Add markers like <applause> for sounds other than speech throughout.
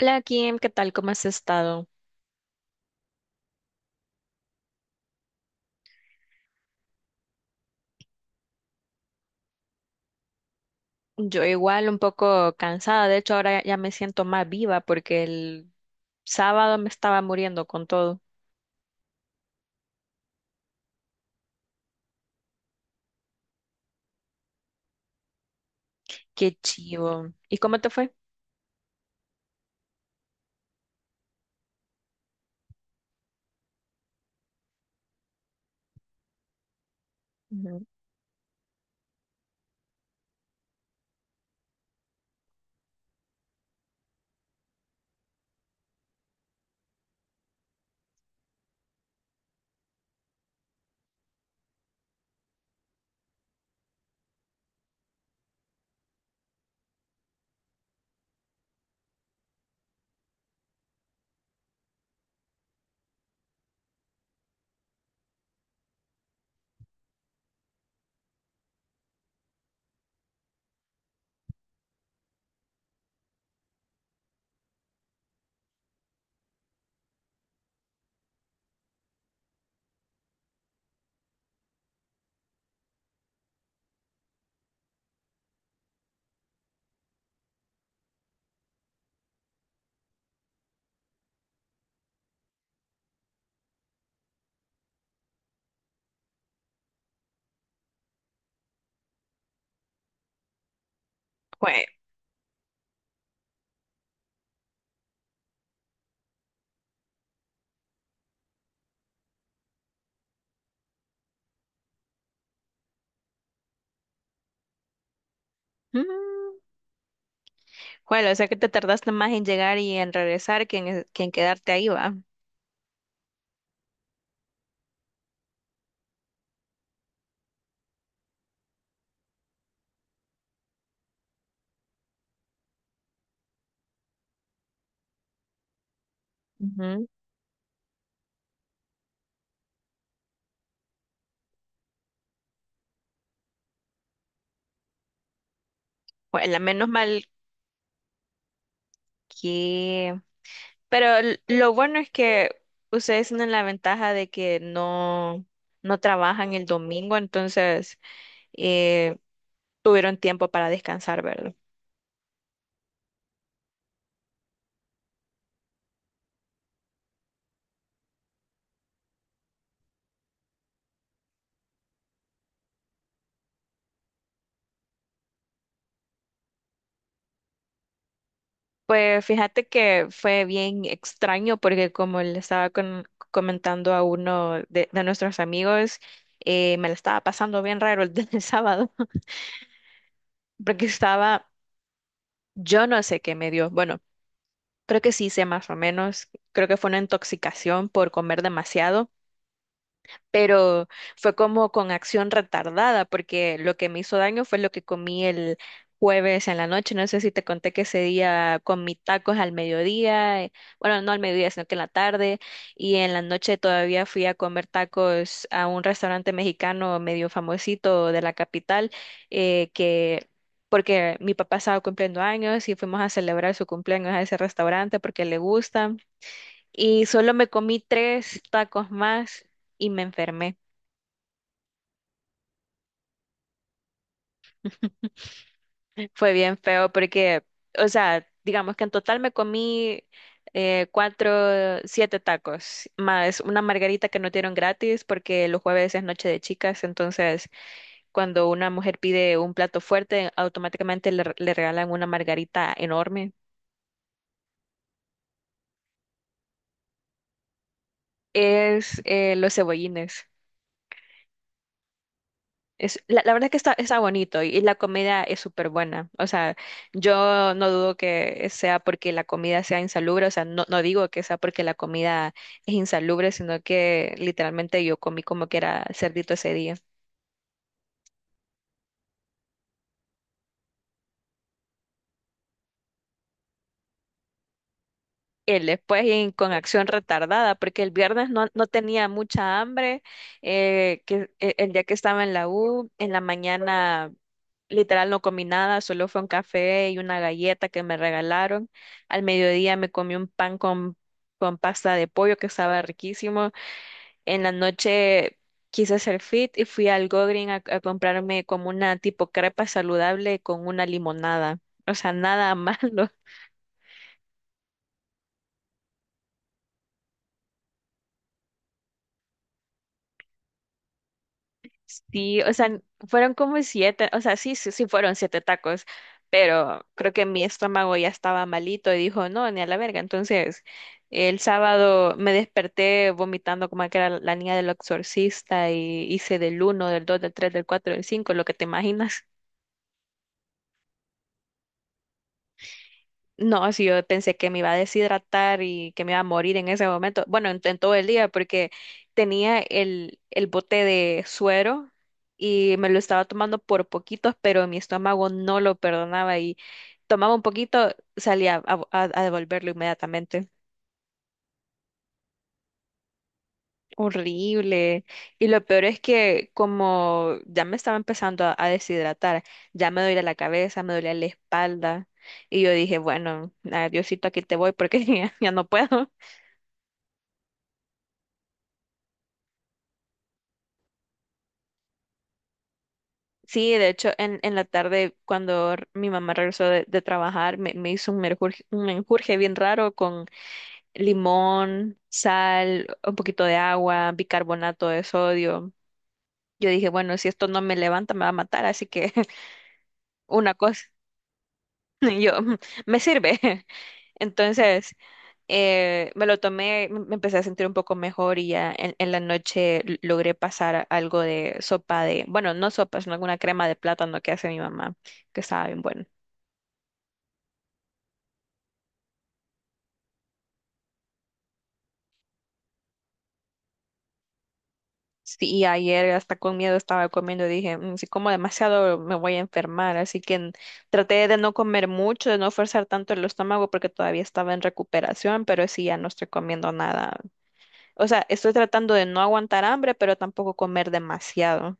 Hola Kim, ¿qué tal? ¿Cómo has estado? Yo igual un poco cansada, de hecho ahora ya me siento más viva porque el sábado me estaba muriendo con todo. Qué chivo. ¿Y cómo te fue? Ujú. Jue- Mm. Bueno, o sea que te tardaste más en llegar y en regresar que que en quedarte ahí, va. Ujú. Bueno, menos mal que... Pero lo bueno es que ustedes tienen la ventaja de que no trabajan el domingo, entonces eh, tuvieron tiempo para descansar, ¿verdad? Pues fíjate que fue bien extraño porque como le estaba comentando a uno de nuestros amigos, me la estaba pasando bien raro el, <laughs> el sábado porque estaba, yo no sé qué me dio, bueno, creo que sí sé más o menos, creo que fue una intoxicación por comer demasiado. Pero fue como con acción retardada, porque lo que me hizo daño fue lo que comí el jueves en la noche. No sé si te conté que ese día comí tacos al mediodía, bueno, no al mediodía, sino que en la tarde, y en la noche todavía fui a comer tacos a un restaurante mexicano medio famosito de la capital, eh, que... porque mi papá estaba cumpliendo años y fuimos a celebrar su cumpleaños a ese restaurante porque le gusta. Y solo me comí tres tacos más y me enfermé. <laughs> Fue bien feo porque, o sea, digamos que en total me comí cuatro, siete tacos, más una margarita que no dieron gratis porque los jueves es noche de chicas, entonces cuando una mujer pide un plato fuerte, automáticamente le regalan una margarita enorme. Es los cebollines. Es, la verdad que está bonito y la comida es súper buena. O sea, yo no dudo que sea porque la comida sea insalubre. O sea, no digo que sea porque la comida es insalubre, sino que literalmente yo comí como que era cerdito ese día. El después y con acción retardada, porque el viernes no tenía mucha hambre. El día que estaba en la U, en la mañana. Literal no comí nada, solo fue un café y una galleta que me regalaron. Al mediodía me comí un pan con pasta de pollo que estaba riquísimo. En la noche quise hacer fit y fui al Gogreen a comprarme como una tipo crepa saludable con una limonada. O sea, nada <laughs> malo. Sí, o sea, fueron como siete, o sea, sí fueron siete tacos, pero creo que mi estómago ya estaba malito y dijo, no, ni a la verga. Entonces, el sábado me desperté vomitando como que era la niña del exorcista y hice del uno, del dos, del tres, del cuatro, del cinco, lo que te imaginas. No, si yo pensé que me iba a deshidratar y que me iba a morir en ese momento. Bueno, en todo el día, porque tenía el bote de suero y me lo estaba tomando por poquitos, pero mi estómago no lo perdonaba y tomaba un poquito, salía a devolverlo inmediatamente. Horrible. Y lo peor es que como ya me estaba empezando a deshidratar, ya me dolía la cabeza, me dolía la espalda. Y yo dije, bueno, ah, Diosito, aquí te voy porque <laughs> ya no puedo. Sí, de hecho, en la tarde, cuando mi mamá regresó de trabajar, me hizo un menjurje bien raro con limón, sal, un poquito de agua, bicarbonato de sodio. Yo dije, bueno, si esto no me levanta, me va a matar, así que <laughs> una cosa, <laughs> y yo, "Mm, me sirve". <laughs> Entonces, me lo tomé, me empecé a sentir un poco mejor y ya en la noche logré pasar algo de sopa de, bueno, no sopa, sino alguna crema de plátano que hace mi mamá, que estaba bien buena. Sí, y ayer hasta con miedo estaba comiendo, dije, "Mm, si como demasiado me voy a enfermar, así que traté de no comer mucho, de no forzar tanto el estómago porque todavía estaba en recuperación, pero sí ya no estoy comiendo nada. O sea, estoy tratando de no aguantar hambre, pero tampoco comer demasiado.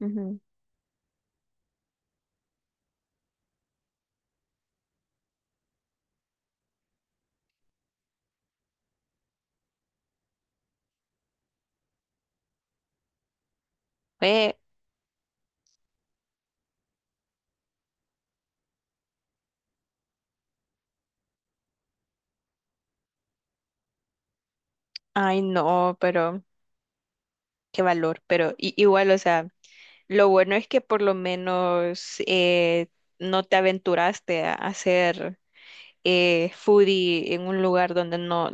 Ujú. Eh, ay, no, pero qué valor, pero igual, o sea. Lo bueno es que por lo menos no te aventuraste a hacer foodie en un lugar donde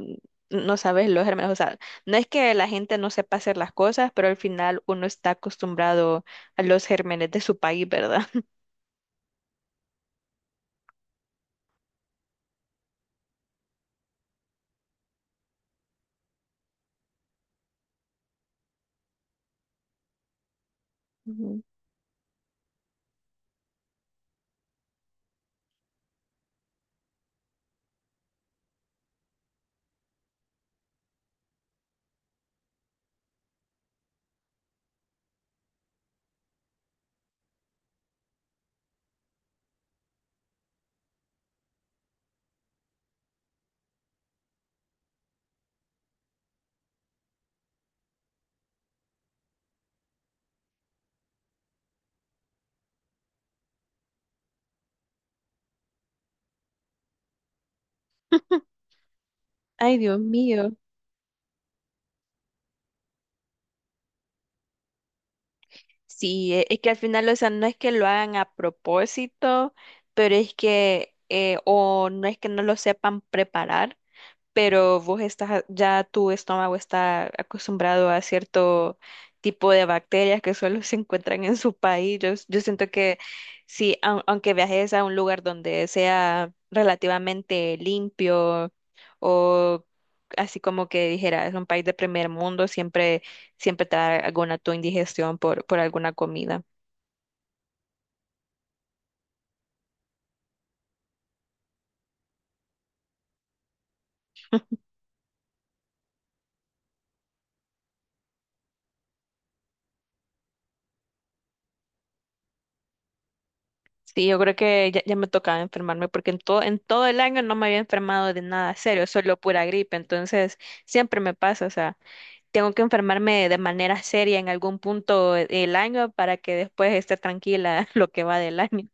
no sabes los gérmenes. O sea, no es que la gente no sepa hacer las cosas, pero al final uno está acostumbrado a los gérmenes de su país, ¿verdad? <laughs> Ujú. Ay, Dios mío. Sí, es que al final, o sea, no es que lo hagan a propósito, pero es que, o no es que no lo sepan preparar, pero vos estás, ya tu estómago está acostumbrado a cierto tipo de bacterias que solo se encuentran en su país. Yo siento que si, au- aunque viajes a un lugar donde sea relativamente limpio o así como que dijera, es un país de primer mundo, siempre te da alguna tu indigestión por alguna comida. Sí, yo creo que ya me tocaba enfermarme porque en todo el año no me había enfermado de nada serio, solo pura gripe. Entonces, siempre me pasa, o sea, tengo que enfermarme de manera seria en algún punto el año para que después esté tranquila <laughs> lo que va del año.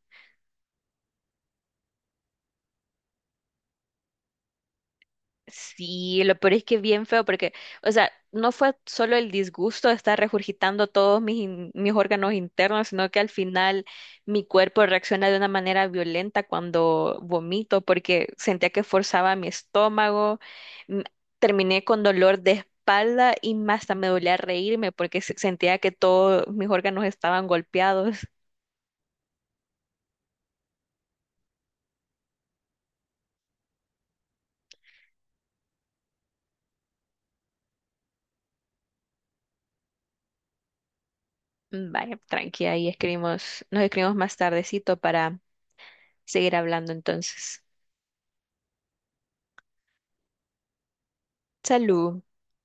Sí, lo peor es que es bien feo porque, o sea, no fue solo el disgusto de estar regurgitando todos mis órganos internos, sino que al final mi cuerpo reacciona de una manera violenta cuando vomito porque sentía que forzaba mi estómago, m- terminé con dolor de espalda y hasta me dolía reírme porque sentía que todos mis órganos estaban golpeados. Mm, vaya, tranqui, ahí escribimos, nos escribimos más tardecito para seguir hablando entonces. Salud.